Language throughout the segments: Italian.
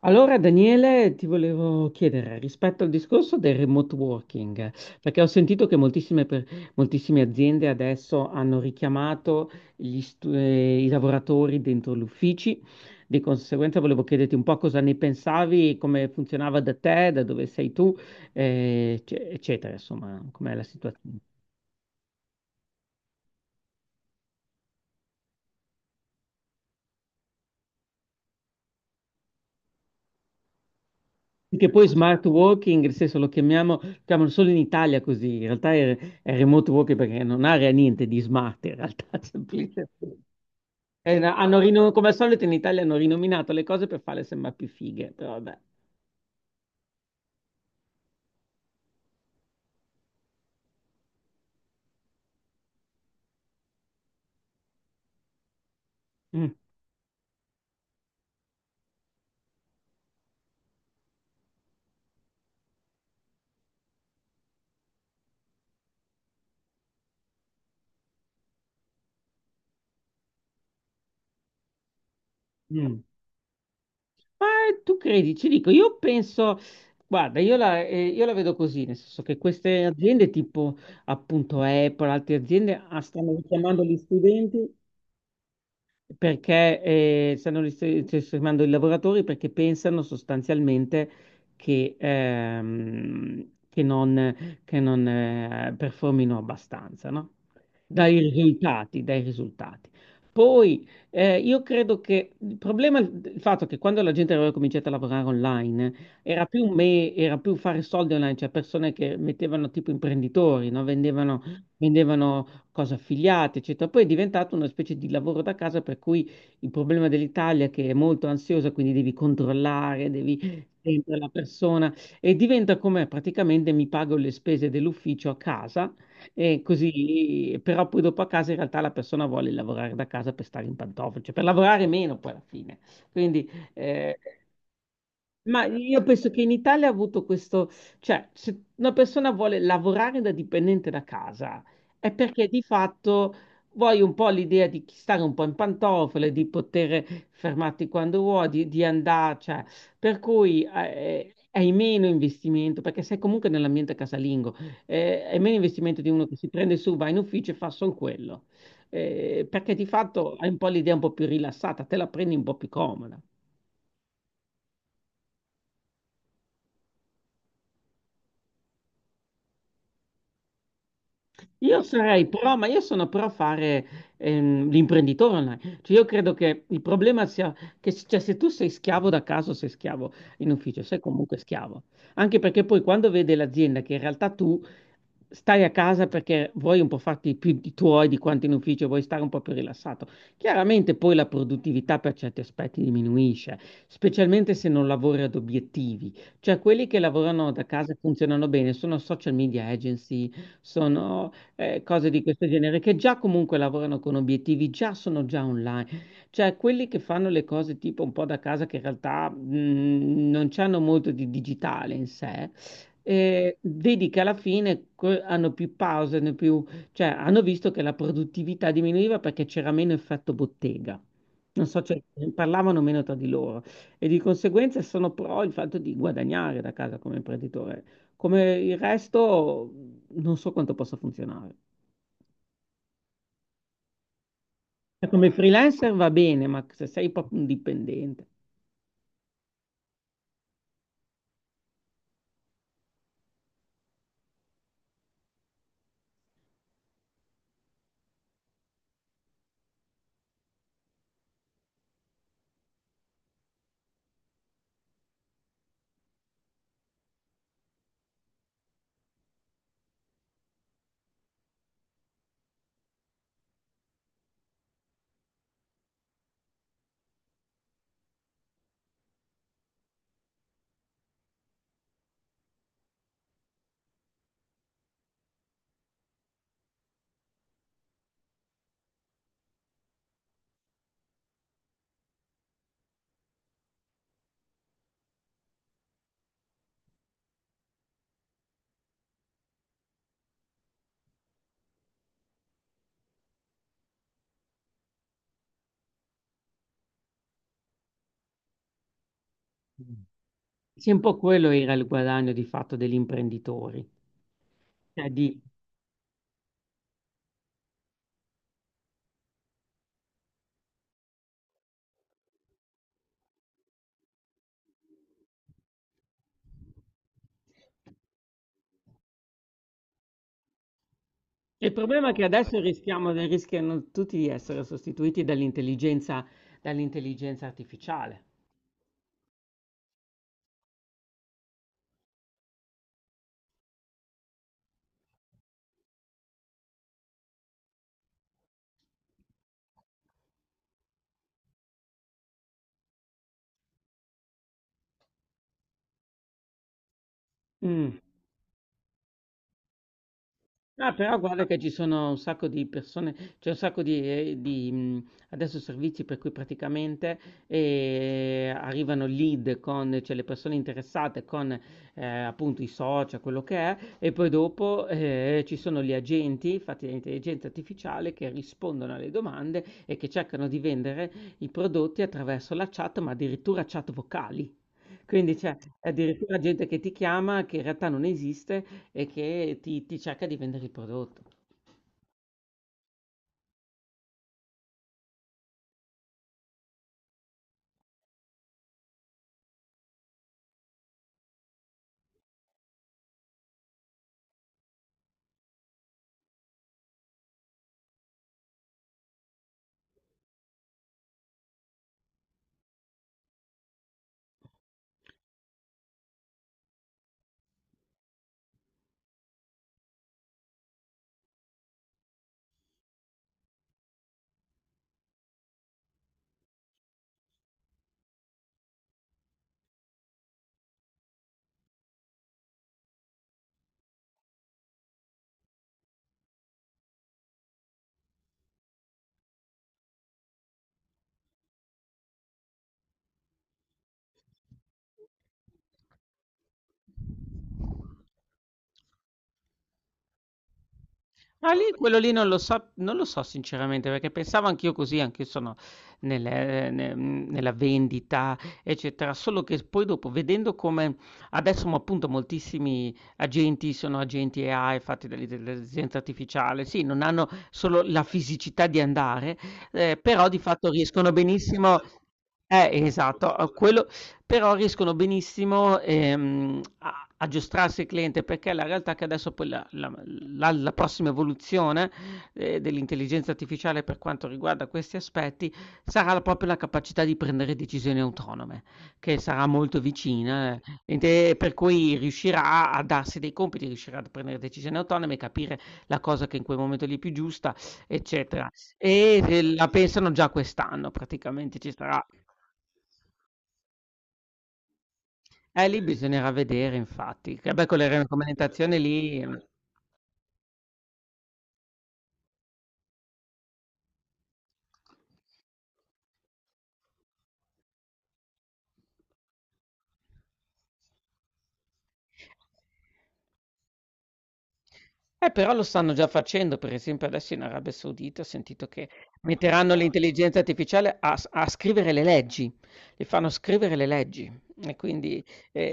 Allora, Daniele, ti volevo chiedere rispetto al discorso del remote working, perché ho sentito che moltissime, moltissime aziende adesso hanno richiamato i lavoratori dentro gli uffici, di conseguenza volevo chiederti un po' cosa ne pensavi, come funzionava da te, da dove sei tu, eccetera, insomma, com'è la situazione. Sì, che poi smart working, nel senso lo chiamiamo, lo chiamano solo in Italia così, in realtà è remote working perché non ha niente di smart, in realtà semplicemente. È una- hanno rino- Come al solito in Italia hanno rinominato le cose per farle sembrare più fighe, però vabbè. Mm, mm. Ma tu credi, ci dico, io penso, guarda, io la vedo così, nel senso che queste aziende tipo appunto Apple, altre aziende ah, stanno richiamando gli studenti, perché stanno risparmiando i lavoratori perché pensano sostanzialmente che non, performino abbastanza, no? Dai risultati, dai risultati. Poi io credo che il fatto che quando la gente aveva cominciato a lavorare online era era più fare soldi online, cioè persone che mettevano tipo imprenditori, no? Vendevano, vendevano cose affiliate, eccetera. Poi è diventato una specie di lavoro da casa per cui il problema dell'Italia è che è molto ansiosa, quindi devi controllare, devi sempre la persona e diventa come praticamente mi pago le spese dell'ufficio a casa e così, però poi dopo a casa in realtà la persona vuole lavorare da casa per stare in pantofole, cioè per lavorare meno poi alla fine. Quindi eh, ma io penso che in Italia ha avuto questo, cioè se una persona vuole lavorare da dipendente da casa è perché di fatto vuoi un po' l'idea di stare un po' in pantofole, di poter fermarti quando vuoi, di andare, cioè, per cui hai meno investimento, perché sei comunque nell'ambiente casalingo, hai meno investimento di uno che si prende su, va in ufficio e fa solo quello. Perché di fatto hai un po' l'idea un po' più rilassata, te la prendi un po' più comoda. Io sarei pro, ma io sono pro fare l'imprenditore online. Cioè, io credo che il problema sia cioè, se tu sei schiavo da caso, sei schiavo in ufficio, sei comunque schiavo. Anche perché poi quando vede l'azienda che in realtà tu stai a casa perché vuoi un po' farti più di tuoi di quanto in ufficio, vuoi stare un po' più rilassato. Chiaramente poi la produttività per certi aspetti diminuisce, specialmente se non lavori ad obiettivi. Cioè quelli che lavorano da casa e funzionano bene sono social media agency, sono cose di questo genere, che già comunque lavorano con obiettivi, già sono già online. Cioè quelli che fanno le cose tipo un po' da casa, che in realtà, non c'hanno molto di digitale in sé, vedi che alla fine que hanno più pause, hanno più cioè hanno visto che la produttività diminuiva perché c'era meno effetto bottega. Non so, cioè parlavano meno tra di loro e di conseguenza sono pro il fatto di guadagnare da casa come imprenditore. Come il resto, non so quanto possa funzionare. Cioè, come freelancer va bene, ma se sei proprio un dipendente, mm. Sì, un po' quello era il guadagno di fatto degli imprenditori. Cioè, di- Il problema è che adesso rischiamo, rischiano tutti di essere sostituiti dall'intelligenza artificiale. Mm. Ah, però guarda che ci sono un sacco di persone, c'è un sacco adesso servizi per cui praticamente arrivano lead con, cioè le persone interessate con appunto i social, quello che è, e poi dopo ci sono gli agenti fatti da intelligenza artificiale che rispondono alle domande e che cercano di vendere i prodotti attraverso la chat, ma addirittura chat vocali. Quindi c'è addirittura gente che ti chiama che in realtà non esiste e che ti cerca di vendere il prodotto. Ah, lì quello lì non lo so, non lo so sinceramente, perché pensavo anch'io così, anch'io sono nella vendita, eccetera, solo che poi dopo, vedendo come adesso mo, appunto moltissimi agenti sono agenti AI fatti dall'intelligenza artificiale, sì, non hanno solo la fisicità di andare, però di fatto riescono benissimo... esatto, quello, però riescono benissimo a aggiustarsi il cliente perché la realtà è che adesso poi la prossima evoluzione dell'intelligenza artificiale per quanto riguarda questi aspetti sarà proprio la capacità di prendere decisioni autonome, che sarà molto vicina, per cui riuscirà a darsi dei compiti, riuscirà a prendere decisioni autonome, capire la cosa che in quel momento lì è più giusta, eccetera. E la pensano già quest'anno, praticamente ci sarà. Lì bisognerà vedere, infatti. Che beh, con le raccomandazioni lì. Però lo stanno già facendo, per esempio adesso in Arabia Saudita ho sentito che metteranno l'intelligenza artificiale a scrivere le leggi, le fanno scrivere le leggi e quindi, ehm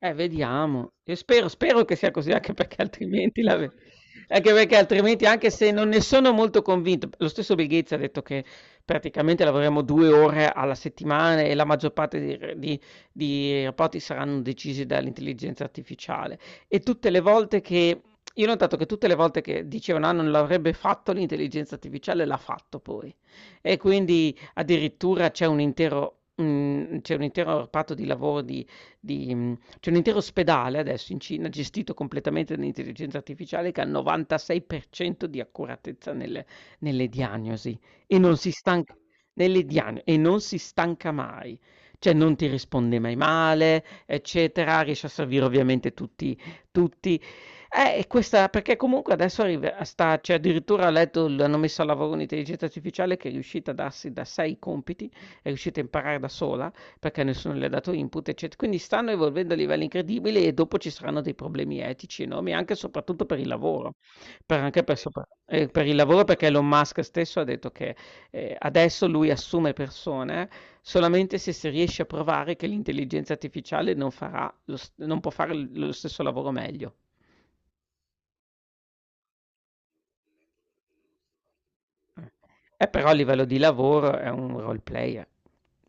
Vediamo. Io spero spero che sia così, anche perché altrimenti la ve anche perché altrimenti, anche se non ne sono molto convinto lo stesso Bill Gates ha detto che praticamente lavoreremo 2 ore alla settimana e la maggior parte di r di rapporti saranno decisi dall'intelligenza artificiale. E tutte le volte che io ho notato che tutte le volte che dicevano: "Ah, non l'avrebbe fatto l'intelligenza artificiale", l'ha fatto poi. E quindi addirittura c'è un intero reparto di lavoro c'è un intero ospedale adesso in Cina gestito completamente dall'intelligenza artificiale che ha il 96% di accuratezza nelle diagnosi e non si stanca nelle diagno e non si stanca mai. Cioè non ti risponde mai male, eccetera, riesce a servire ovviamente tutti tutti e questa perché comunque adesso arrive a sta cioè addirittura ho letto l hanno messo a lavoro un'intelligenza artificiale che è riuscita a darsi da sé i compiti, è riuscita a imparare da sola, perché nessuno le ha dato input, ecce quindi stanno evolvendo a livelli incredibili e dopo ci saranno dei problemi etici enormi, anche e soprattutto per il lavoro, per il lavoro perché Elon Musk stesso ha detto che, adesso lui assume persone solamente se si riesce a provare che l'intelligenza artificiale non può fare l lo stesso lavoro meglio. Mh. Però a livello di lavoro è un role player,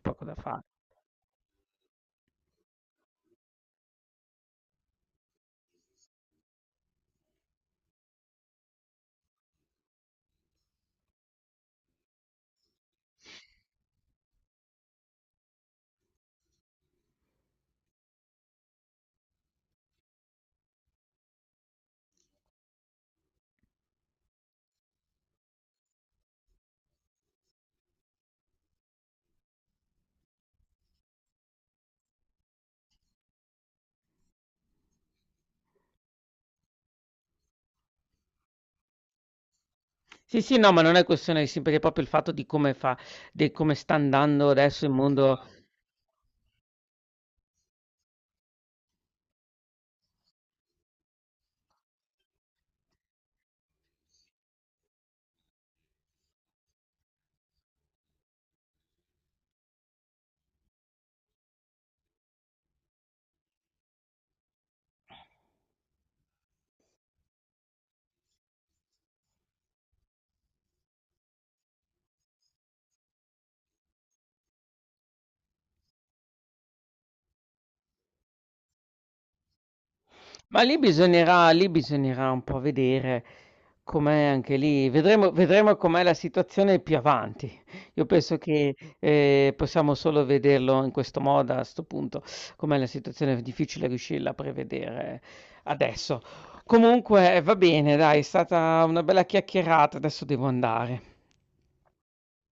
poco da fare. Sì, sì, no, ma non è questione di sì, perché è proprio il fatto di come sta andando adesso il mondo. Lì bisognerà un po' vedere com'è anche lì, vedremo, vedremo com'è la situazione più avanti. Io penso che possiamo solo vederlo in questo modo a questo punto, com'è la situazione è difficile riuscirla a prevedere adesso. Comunque va bene, dai, è stata una bella chiacchierata, adesso devo andare.